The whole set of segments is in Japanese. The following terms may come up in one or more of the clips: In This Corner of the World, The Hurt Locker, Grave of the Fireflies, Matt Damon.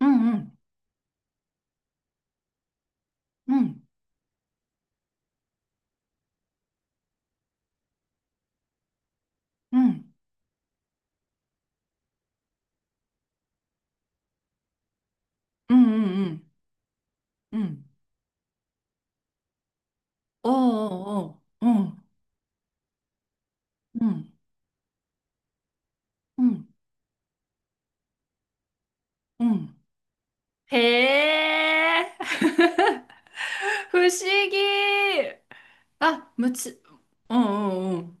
うんうん。うんうん。うんうん。うんうん。おーおーおー。うんうん。うんうん。へえ。 不思議。あむつ。うんうん。うん。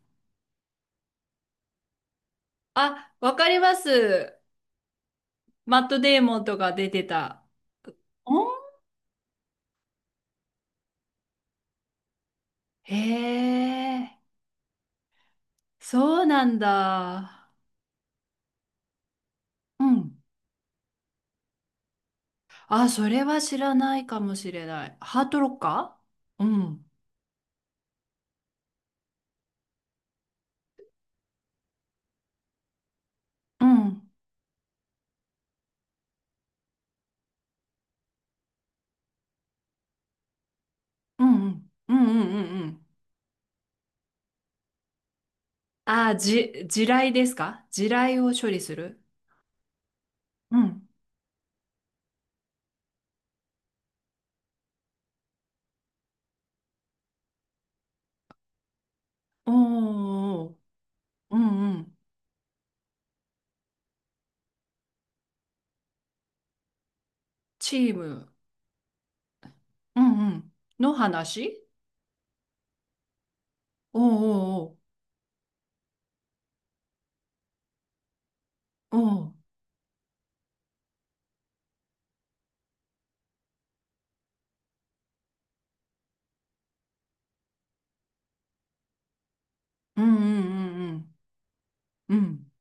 あ、わかります。マット・デーモンとか出てた。お。へえ。そうなんだ。うん。あ、それは知らないかもしれない。ハートロッカーうんうん。うんうん。うんうん。うんうん。ああ、じ、地雷ですか？地雷を処理する。うん。おーおーおー、うんうん。チーム。うんうん。の話。おーおーおー、おー。うんうんうんうん。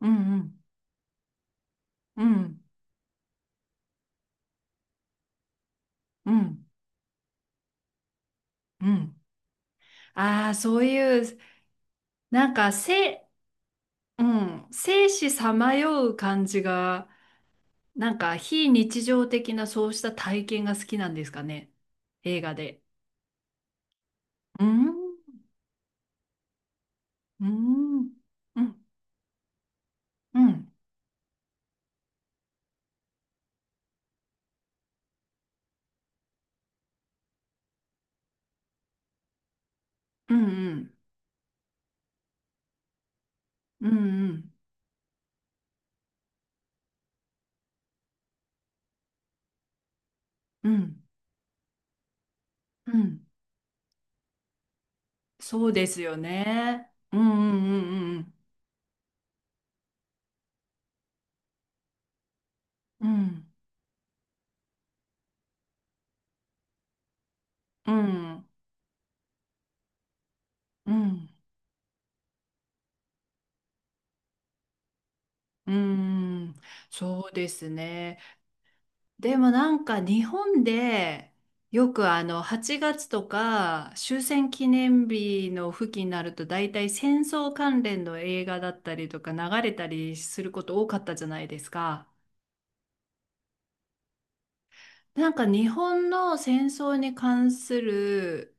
うんうん。うんうん。うん。ああ、そういう、なんか、せ、うん、生死さまよう感じが、なんか、非日常的なそうした体験が好きなんですかね。映画で。うんうんうんうん。うんうん。うんうん。うんうん。そうですよね。うんうんうん。うんうん。うんうん。うん。そうですね。でもなんか日本でよくあの8月とか終戦記念日の付近になると大体戦争関連の映画だったりとか流れたりすること多かったじゃないですか。なんか日本の戦争に関する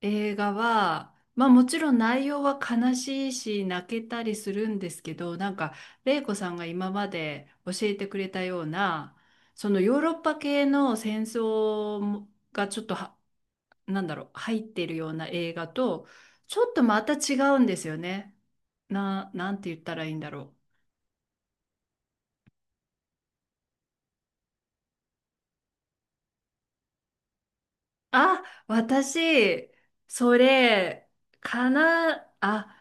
映画は、まあもちろん内容は悲しいし泣けたりするんですけど、なんか玲子さんが今まで教えてくれたような、そのヨーロッパ系の戦争もがちょっとは、なんだろう、入ってるような映画と、ちょっとまた違うんですよね。な、なんて言ったらいいんだろう。あ、私、それ、かな、あ、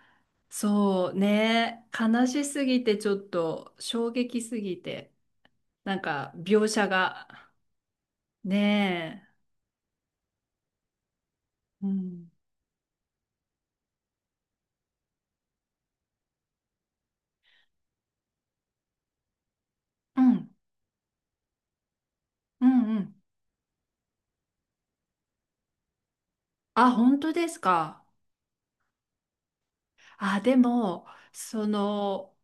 そうね、悲しすぎてちょっと衝撃すぎて、なんか描写が、ねえ、うん、うん、うん、うん。あ、本当ですか？あ、でも、その、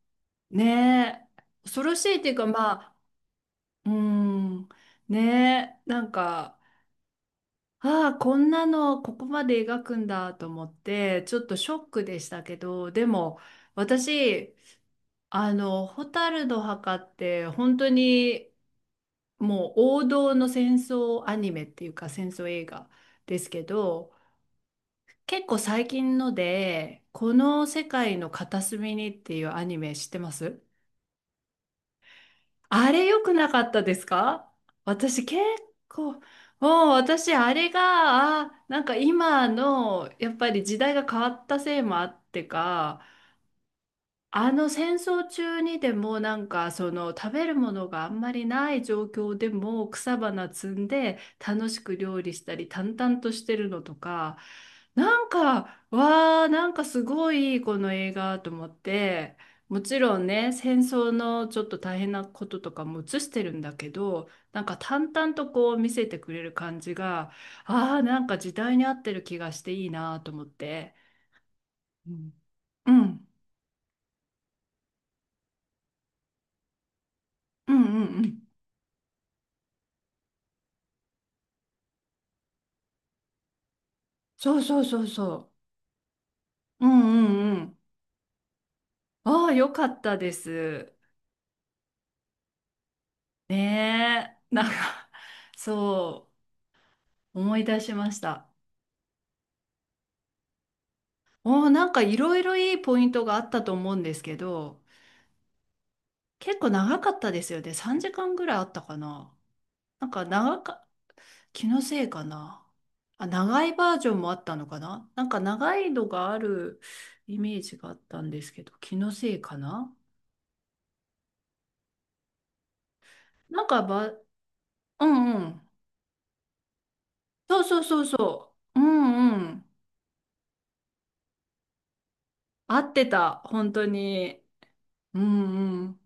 ねえ、恐ろしいっていうか、まあ、うん、ねえ、なんか、ああ、こんなのここまで描くんだと思って、ちょっとショックでしたけど、でも私、あの、蛍の墓って本当にもう王道の戦争アニメっていうか戦争映画ですけど、結構最近ので、この世界の片隅にっていうアニメ知ってます？あれ良くなかったですか？私結構、もう私あれが、あ、なんか今のやっぱり時代が変わったせいもあってか、あの戦争中にでもなんかその食べるものがあんまりない状況でも草花摘んで楽しく料理したり淡々としてるのとか、なんかわー、なんかすごいこの映画と思って、もちろんね戦争のちょっと大変なこととかも映してるんだけどなんか淡々とこう見せてくれる感じが、あーなんか時代に合ってる気がしていいなと思って。うんうん。うんうん。うん。そうそうそうそう。うんうん。うん。ああ、よかったです。ねえ。なんか、そう、思い出しました。おお、なんかいろいろいいポイントがあったと思うんですけど、結構長かったですよね。3時間ぐらいあったかな。なんか長か、気のせいかな。あ、長いバージョンもあったのかな。なんか長いのがあるイメージがあったんですけど、気のせいかな。なんかば、うんうん。そうそうそうそう。うんうん。合ってた、本当に。うんうん。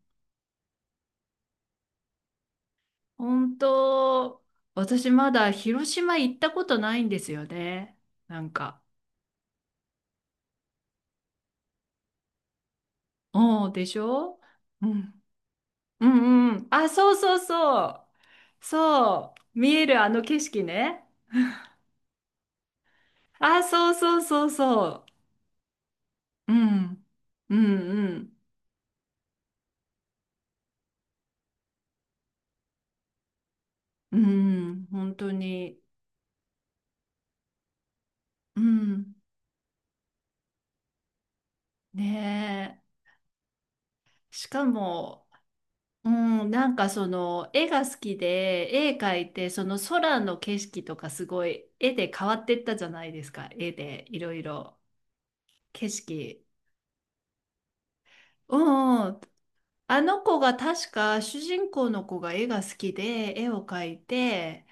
本当、私まだ広島行ったことないんですよね。なんか。おーでしょ。うん。うんうん。あ、そうそうそう。そう。見えるあの景色ね。あ、そうそうそうそう。うん。うんうん。うん。本当に。うん。ねえ。しかも、うん、なんかその絵が好きで絵描いてその空の景色とかすごい絵で変わってったじゃないですか、絵でいろいろ景色。うんうん。あの子が確か主人公の子が絵が好きで絵を描いて、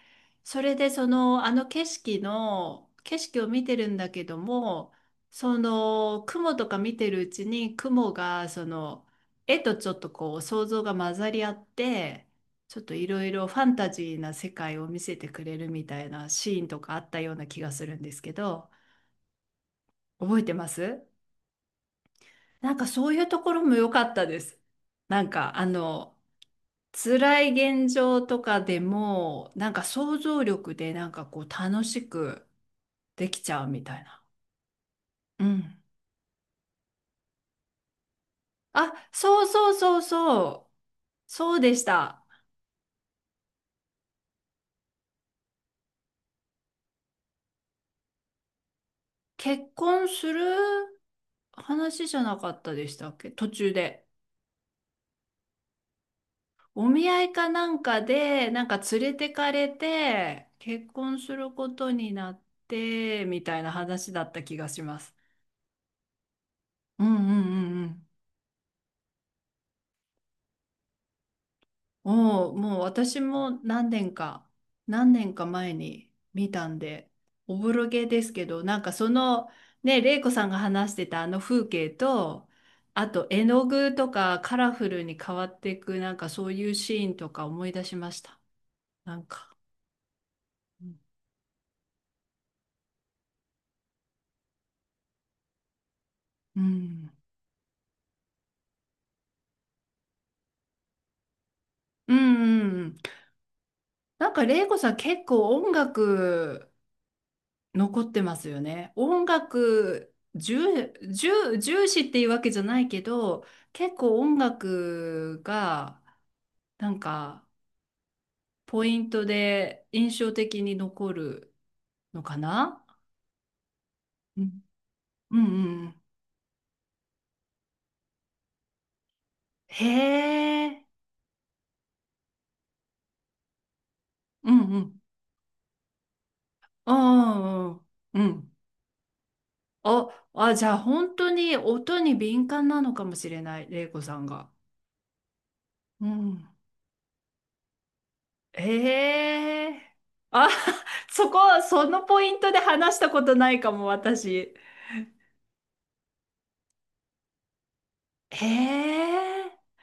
それでそのあの景色の景色を見てるんだけども、その雲とか見てるうちに雲がその絵とちょっとこう想像が混ざり合って、ちょっといろいろファンタジーな世界を見せてくれるみたいなシーンとかあったような気がするんですけど、覚えてます？なんかそういうところも良かったです。なんかあの辛い現状とかでも、なんか想像力でなんかこう楽しくできちゃうみたいな。うん。あ、そうそうそうそう。そうでした。結婚する話じゃなかったでしたっけ途中で。お見合いかなんかで、なんか連れてかれて、結婚することになって、みたいな話だった気がします。うんうんうん。もう、もう私も何年か、何年か前に見たんで、おぼろげですけど、なんかその、ね、玲子さんが話してたあの風景と、あと絵の具とかカラフルに変わっていく、なんかそういうシーンとか思い出しました。なんか。うん。うんうん。うん。なんか玲子さん結構音楽残ってますよね。音楽重、重、重視っていうわけじゃないけど、結構音楽がなんかポイントで印象的に残るのかな。うんうんうん。へえ。うんうん。ああ、うん。あ、あ、じゃあ本当に音に敏感なのかもしれない、玲子さんが。うん。ええ。あ、そこ、そのポイントで話したことないかも、私。ええ。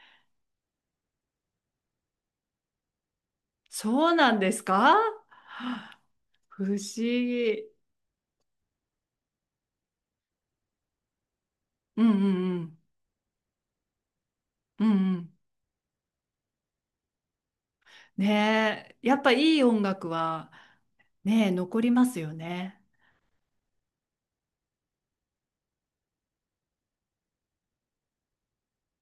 そうなんですか？不思議。うんうんうん。うんうん。ねえ、やっぱいい音楽は、ねえ、残りますよね。